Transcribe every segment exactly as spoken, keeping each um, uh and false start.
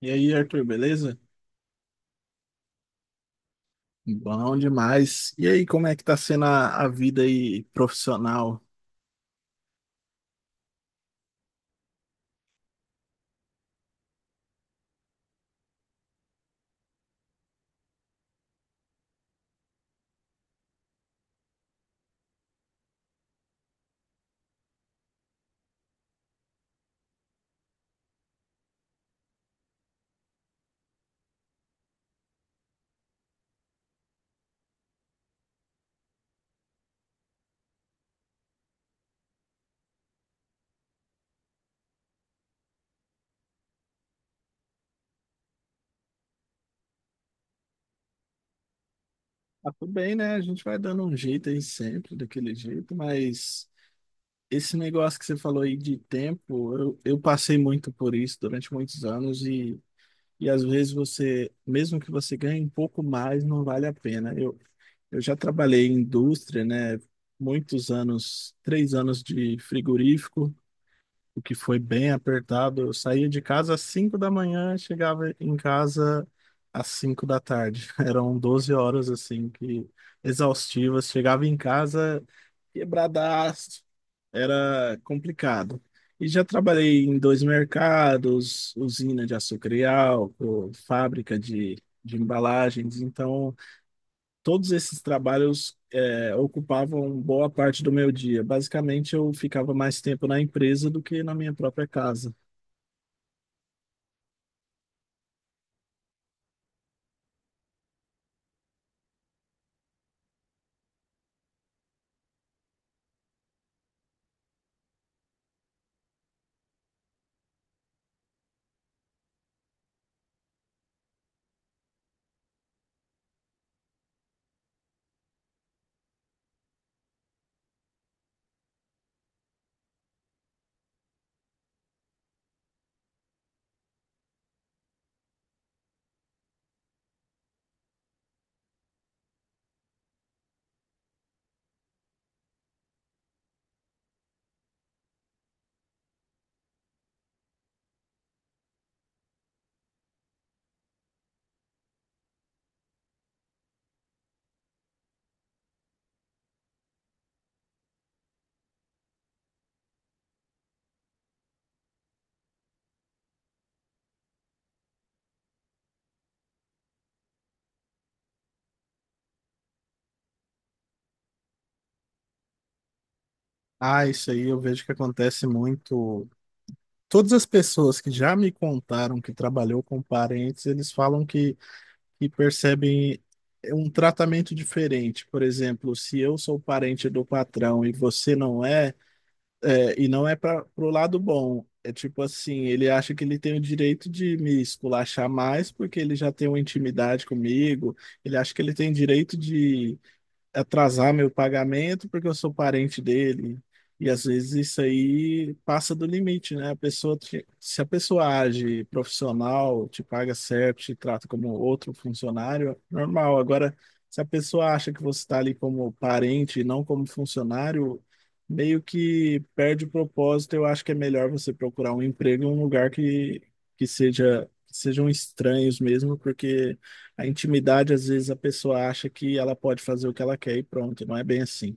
E aí, Arthur, beleza? Bom demais. E aí, como é que tá sendo a, a vida aí profissional? Ah, tudo bem, né? A gente vai dando um jeito aí sempre, daquele jeito, mas esse negócio que você falou aí de tempo, eu, eu passei muito por isso durante muitos anos e, e às vezes você, mesmo que você ganhe um pouco mais, não vale a pena. Eu, eu já trabalhei em indústria, né? Muitos anos, três anos de frigorífico. O que foi bem apertado. Eu saía de casa às cinco da manhã, chegava em casa às cinco da tarde. Eram doze horas assim que exaustivas. Chegava em casa quebradaço. Era complicado. E já trabalhei em dois mercados, usina de açúcar e álcool, fábrica de, de embalagens, então todos esses trabalhos é, ocupavam boa parte do meu dia. Basicamente, eu ficava mais tempo na empresa do que na minha própria casa. Ah, isso aí eu vejo que acontece muito. Todas as pessoas que já me contaram que trabalhou com parentes, eles falam que, que percebem um tratamento diferente. Por exemplo, se eu sou parente do patrão e você não é. É, e não é para pro lado bom. É tipo assim, ele acha que ele tem o direito de me esculachar mais porque ele já tem uma intimidade comigo. Ele acha que ele tem direito de atrasar meu pagamento porque eu sou parente dele. E às vezes isso aí passa do limite, né? A pessoa, te- se a pessoa age profissional, te paga certo, te trata como outro funcionário, é normal. Agora, se a pessoa acha que você está ali como parente e não como funcionário, meio que perde o propósito. Eu acho que é melhor você procurar um emprego em um lugar que, que seja, que sejam estranhos mesmo, porque a intimidade, às vezes, a pessoa acha que ela pode fazer o que ela quer e pronto, não é bem assim.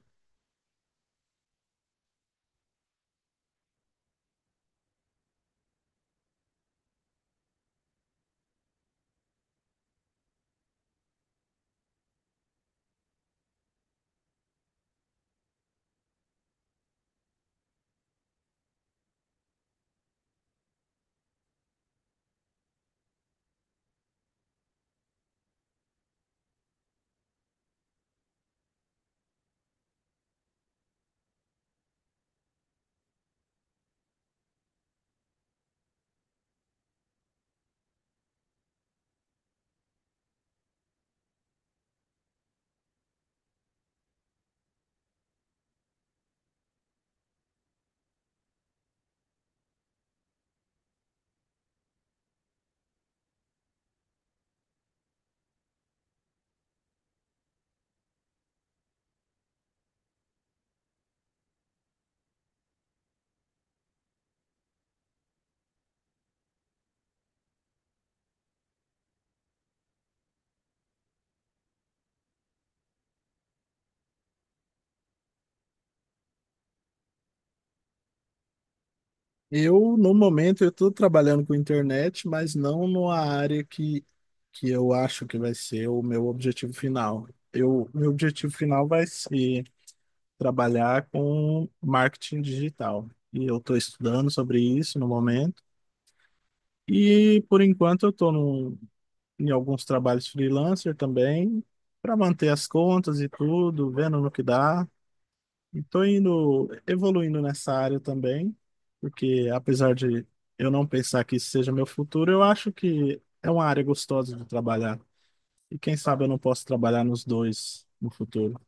Eu, no momento, eu estou trabalhando com internet, mas não numa área que, que eu acho que vai ser o meu objetivo final. Eu, meu objetivo final vai ser trabalhar com marketing digital. E eu estou estudando sobre isso no momento. E, por enquanto, eu estou em alguns trabalhos freelancer também, para manter as contas e tudo, vendo no que dá. E tô indo, evoluindo nessa área também, porque apesar de eu não pensar que isso seja meu futuro, eu acho que é uma área gostosa de trabalhar. E quem sabe eu não posso trabalhar nos dois no futuro.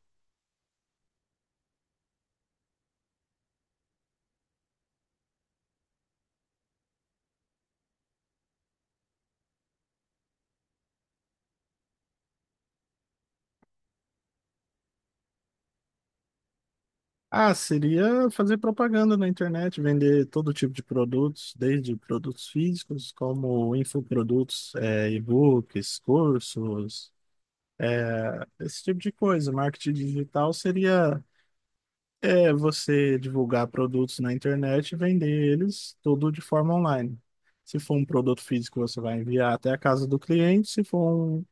Ah, seria fazer propaganda na internet, vender todo tipo de produtos, desde produtos físicos, como infoprodutos, é, e-books, cursos, é, esse tipo de coisa. Marketing digital seria é você divulgar produtos na internet e vender eles tudo de forma online. Se for um produto físico, você vai enviar até a casa do cliente. Se for um,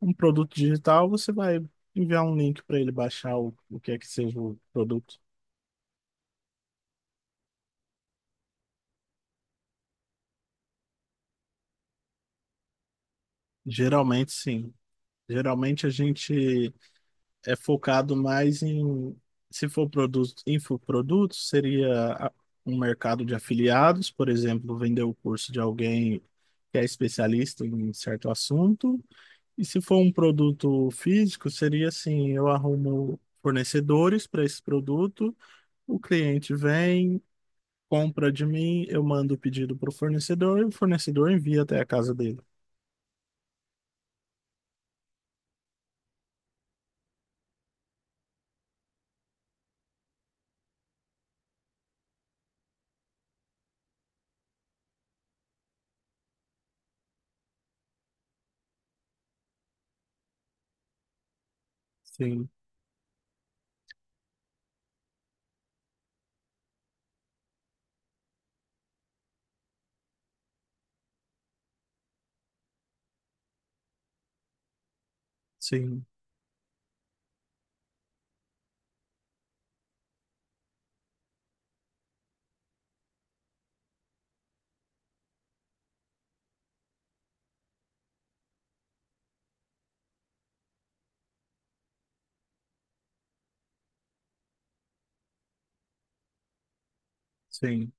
um produto digital, você vai enviar um link para ele baixar o, o que é que seja o produto. Geralmente, sim. Geralmente a gente é focado mais em, se for produto, infoprodutos, seria a- um mercado de afiliados, por exemplo, vender o curso de alguém que é especialista em certo assunto. E se for um produto físico, seria assim, eu arrumo fornecedores para esse produto, o cliente vem, compra de mim, eu mando o pedido para o fornecedor e o fornecedor envia até a casa dele. Sim, sim, sim.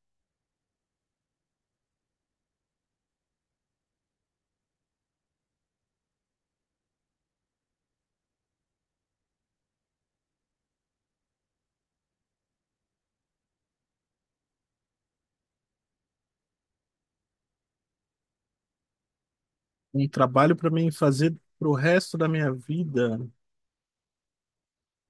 Um trabalho para mim fazer pro resto da minha vida.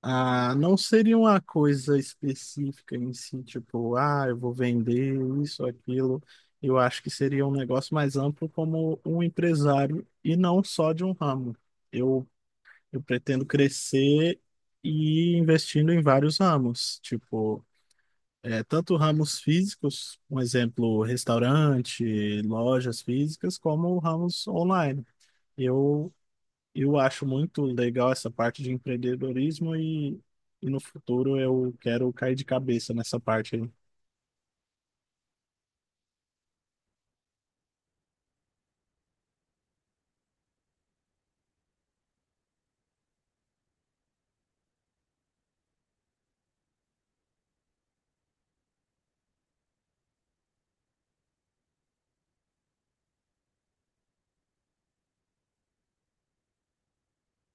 Ah, não seria uma coisa específica em si, tipo, ah, eu vou vender isso, aquilo. Eu acho que seria um negócio mais amplo como um empresário e não só de um ramo. Eu, eu pretendo crescer e ir investindo em vários ramos, tipo, é, tanto ramos físicos, um exemplo, restaurante, lojas físicas, como ramos online. Eu eu acho muito legal essa parte de empreendedorismo e, e no futuro eu quero cair de cabeça nessa parte aí.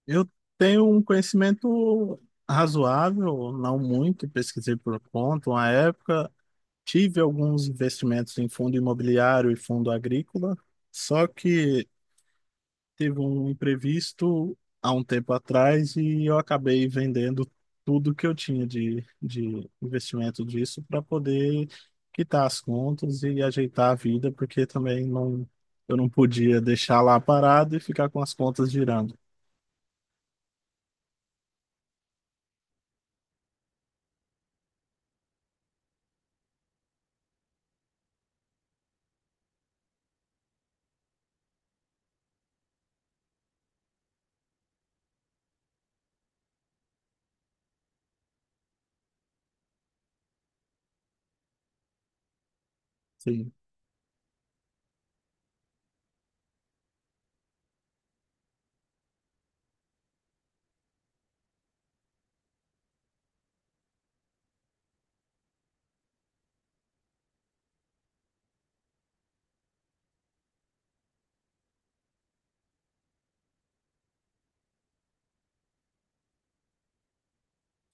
Eu tenho um conhecimento razoável, não muito, pesquisei por conta uma época, tive alguns investimentos em fundo imobiliário e fundo agrícola, só que teve um imprevisto há um tempo atrás e eu acabei vendendo tudo que eu tinha de, de investimento disso para poder quitar as contas e ajeitar a vida, porque também não, eu não podia deixar lá parado e ficar com as contas girando. Sim,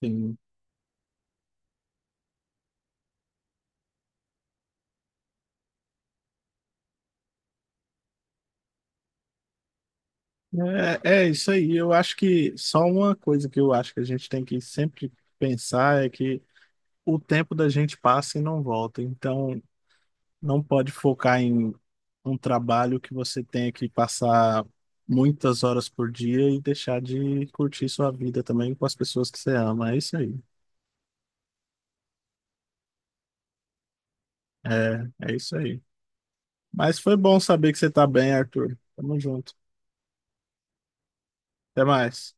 sim. É, é isso aí. Eu acho que só uma coisa que eu acho que a gente tem que sempre pensar é que o tempo da gente passa e não volta. Então, não pode focar em um trabalho que você tenha que passar muitas horas por dia e deixar de curtir sua vida também com as pessoas que você ama. É isso aí. É, é isso aí. Mas foi bom saber que você tá bem, Arthur. Tamo junto. Até mais.